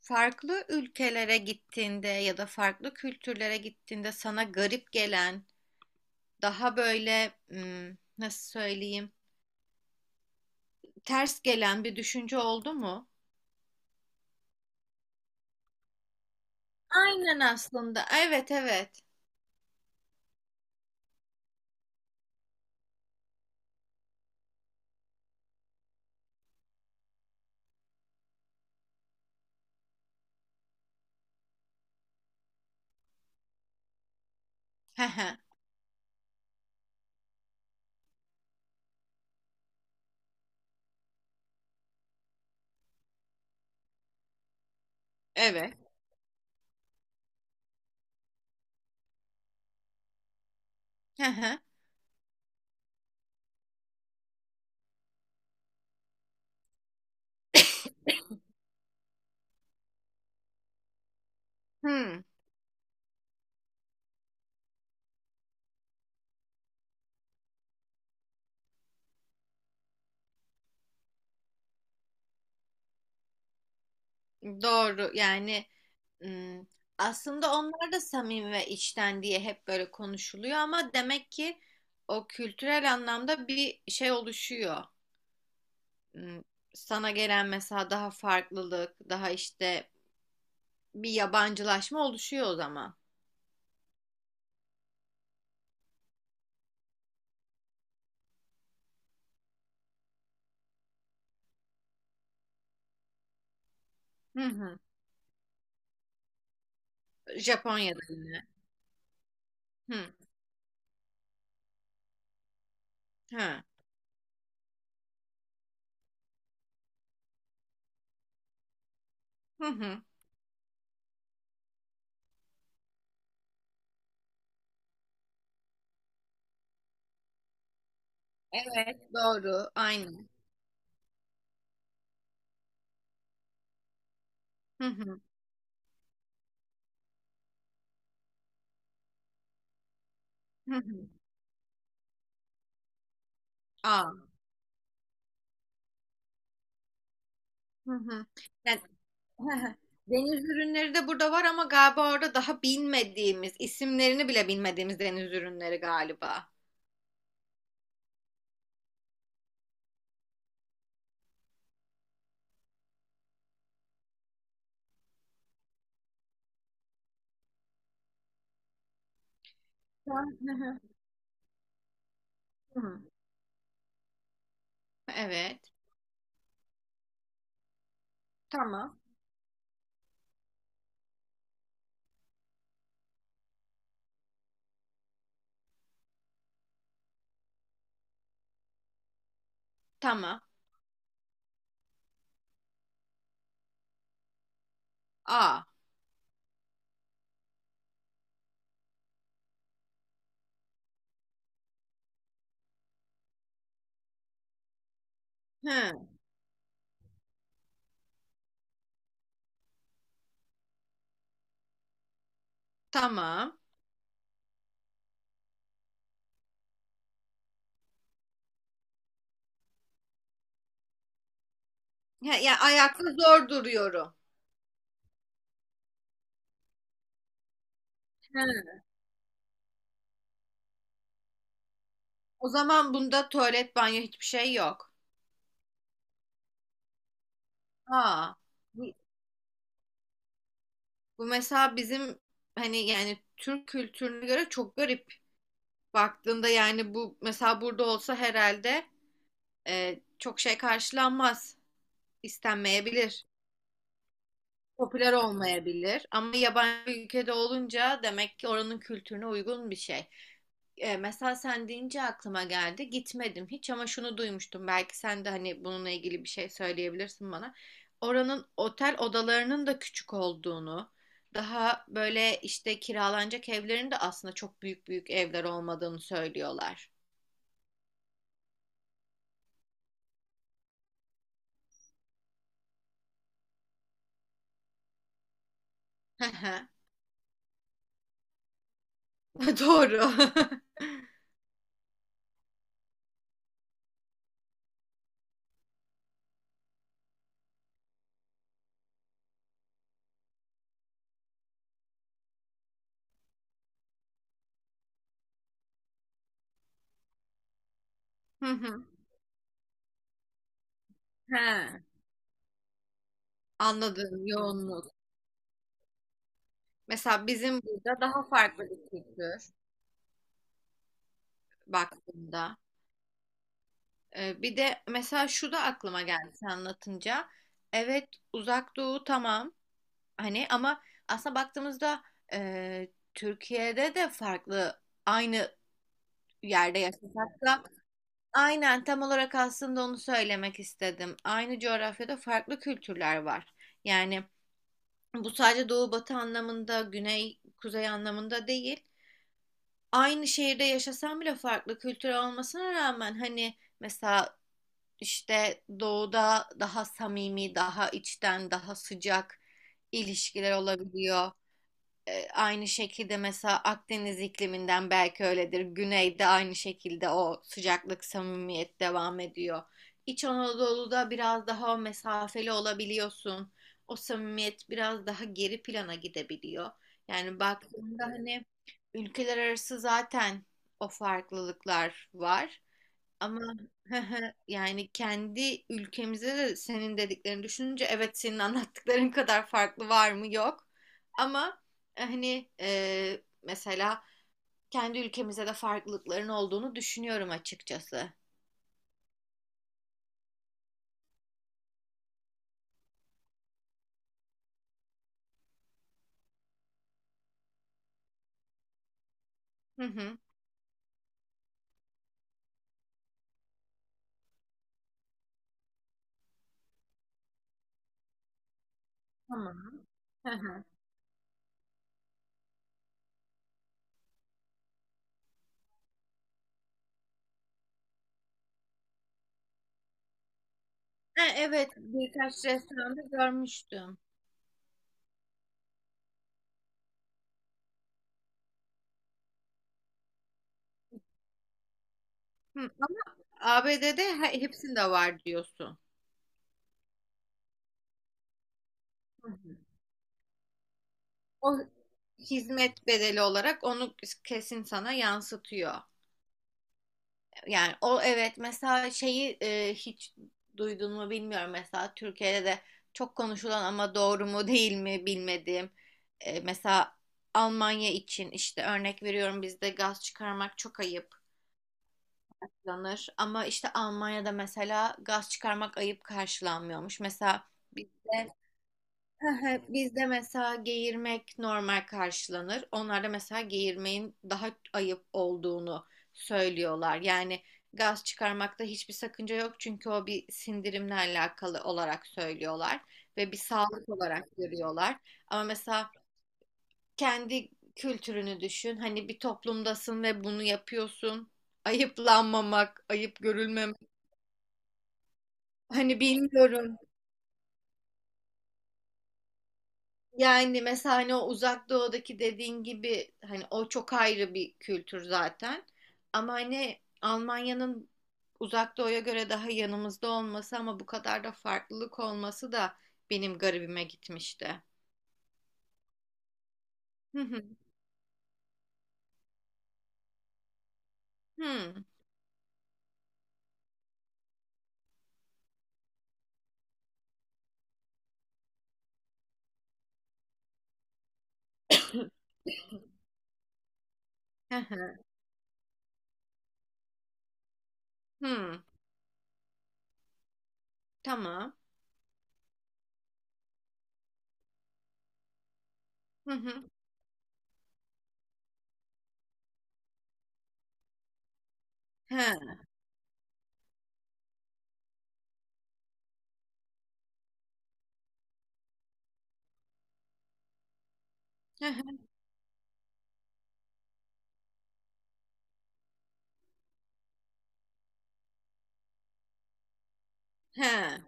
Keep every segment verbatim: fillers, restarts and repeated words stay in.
Farklı ülkelere gittiğinde ya da farklı kültürlere gittiğinde sana garip gelen, daha böyle hmm, nasıl söyleyeyim, ters gelen bir düşünce oldu mu? Aynen aslında. Evet, evet. Hı hı. Evet. Hı hı. Hmm, doğru. Yani hmm, aslında onlar da samimi ve içten diye hep böyle konuşuluyor ama demek ki o kültürel anlamda bir şey oluşuyor. m, Sana gelen mesela daha farklılık, daha işte bir yabancılaşma oluşuyor o zaman. Hı hı. Japonya'da yine. Hı hı. Hı hı. Evet, doğru. Aynı. Hı hı. Hı hı. Aa. Hı hı. Yani, hı hı. Deniz ürünleri de burada var ama galiba orada daha bilmediğimiz, isimlerini bile bilmediğimiz deniz ürünleri galiba. Ben- Hı hı. Hı. Evet. Tamam. Tamam. Aa. Hı. Tamam. Ya, ya ayakta zor duruyorum. He. O zaman bunda tuvalet, banyo hiçbir şey yok. Aa, bu, bu mesela bizim hani yani Türk kültürüne göre çok garip. Baktığında yani bu mesela burada olsa herhalde e, çok şey karşılanmaz. İstenmeyebilir. Popüler olmayabilir. Ama yabancı bir ülkede olunca demek ki oranın kültürüne uygun bir şey. E, mesela sen deyince aklıma geldi. Gitmedim hiç ama şunu duymuştum. Belki sen de hani bununla ilgili bir şey söyleyebilirsin bana. Oranın otel odalarının da küçük olduğunu, daha böyle işte kiralanacak evlerin de aslında çok büyük büyük evler olmadığını söylüyorlar. Hı hı. Doğru. Hı hı. He. Anladım yoğunluk. Mesela bizim burada daha farklı bir kültür baktığında. Ee, bir de mesela şu da aklıma geldi sen anlatınca. Evet Uzak Doğu tamam hani ama aslında baktığımızda e, Türkiye'de de farklı aynı yerde yaşasak da aynen tam olarak aslında onu söylemek istedim. Aynı coğrafyada farklı kültürler var. Yani bu sadece doğu batı anlamında güney kuzey anlamında değil. Aynı şehirde yaşasam bile farklı kültür olmasına rağmen hani mesela işte doğuda daha samimi, daha içten, daha sıcak ilişkiler olabiliyor. E, aynı şekilde mesela Akdeniz ikliminden belki öyledir. Güneyde aynı şekilde o sıcaklık, samimiyet devam ediyor. İç Anadolu'da biraz daha mesafeli olabiliyorsun. O samimiyet biraz daha geri plana gidebiliyor. Yani baktığında hani ülkeler arası zaten o farklılıklar var. Ama yani kendi ülkemizde de senin dediklerini düşününce evet senin anlattıkların kadar farklı var mı yok. Ama e, hani e, mesela kendi ülkemizde de farklılıkların olduğunu düşünüyorum açıkçası. Hı hı. Tamam. Hı hı. Ha, evet birkaç restoranda görmüştüm. Hı, ama A B D'de he- hepsinde var diyorsun. Hı hı. O hizmet bedeli olarak onu kesin sana yansıtıyor. Yani o evet mesela şeyi e, hiç duydun mu bilmiyorum mesela Türkiye'de de çok konuşulan ama doğru mu değil mi bilmediğim e, mesela Almanya için işte örnek veriyorum bizde gaz çıkarmak çok ayıp karşılanır ama işte Almanya'da mesela gaz çıkarmak ayıp karşılanmıyormuş. Mesela bizde Hı hı. Bizde mesela geğirmek normal karşılanır. Onlarda mesela geğirmeyin daha ayıp olduğunu söylüyorlar. Yani gaz çıkarmakta hiçbir sakınca yok çünkü o bir sindirimle alakalı olarak söylüyorlar ve bir sağlık olarak görüyorlar. Ama mesela kendi kültürünü düşün. Hani bir toplumdasın ve bunu yapıyorsun. Ayıplanmamak, ayıp görülmemek. Hani bilmiyorum. Yani mesela hani o uzak doğudaki dediğin gibi hani o çok ayrı bir kültür zaten. Ama hani Almanya'nın uzak doğuya göre daha yanımızda olması ama bu kadar da farklılık olması da benim garibime gitmişti. Hı hı. Hı. Hı hı. Hı. Tamam. Hı hı. He. Hı hı. He.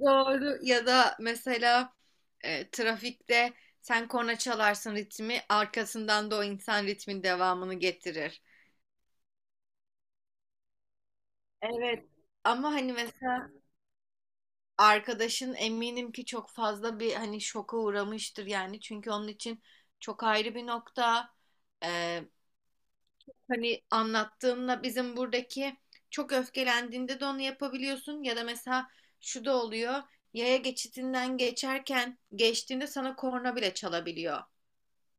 Doğru ya da mesela e, trafikte sen korna çalarsın ritmi arkasından da o insan ritmin devamını getirir. Evet. Ama hani mesela arkadaşın eminim ki çok fazla bir hani şoka uğramıştır yani. Çünkü onun için çok ayrı bir nokta. Ee, Hani anlattığımla bizim buradaki çok öfkelendiğinde de onu yapabiliyorsun. Ya da mesela şu da oluyor. Yaya geçitinden geçerken geçtiğinde sana korna bile çalabiliyor.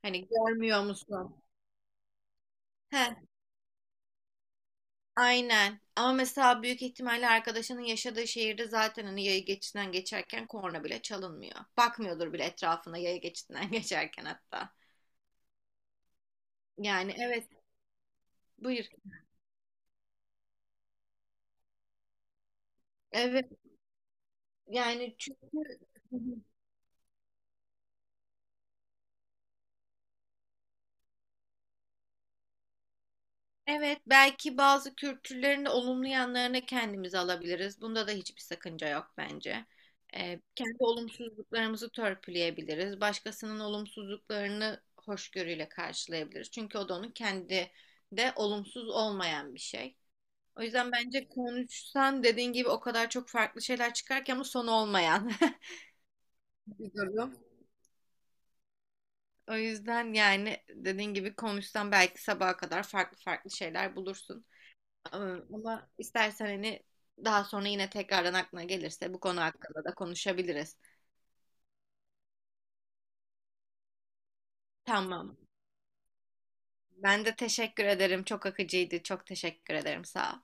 Hani görmüyor musun? He, aynen. Ama mesela büyük ihtimalle arkadaşının yaşadığı şehirde zaten hani yaya geçidinden geçerken korna bile çalınmıyor. Bakmıyordur bile etrafına yaya geçidinden geçerken hatta. Yani evet, buyur. Evet, yani çünkü evet, belki bazı kültürlerin de olumlu yanlarını kendimize alabiliriz. Bunda da hiçbir sakınca yok bence. Ee, kendi olumsuzluklarımızı törpüleyebiliriz. Başkasının olumsuzluklarını hoşgörüyle karşılayabiliriz. Çünkü o da onun kendi de olumsuz olmayan bir şey. O yüzden bence konuşsan dediğin gibi o kadar çok farklı şeyler çıkarken ama sonu olmayan bir durum. O yüzden yani dediğin gibi konuşsan belki sabaha kadar farklı farklı şeyler bulursun. Ama ama istersen hani daha sonra yine tekrardan aklına gelirse bu konu hakkında da konuşabiliriz. Tamam. Ben de teşekkür ederim. Çok akıcıydı. Çok teşekkür ederim. Sağ ol.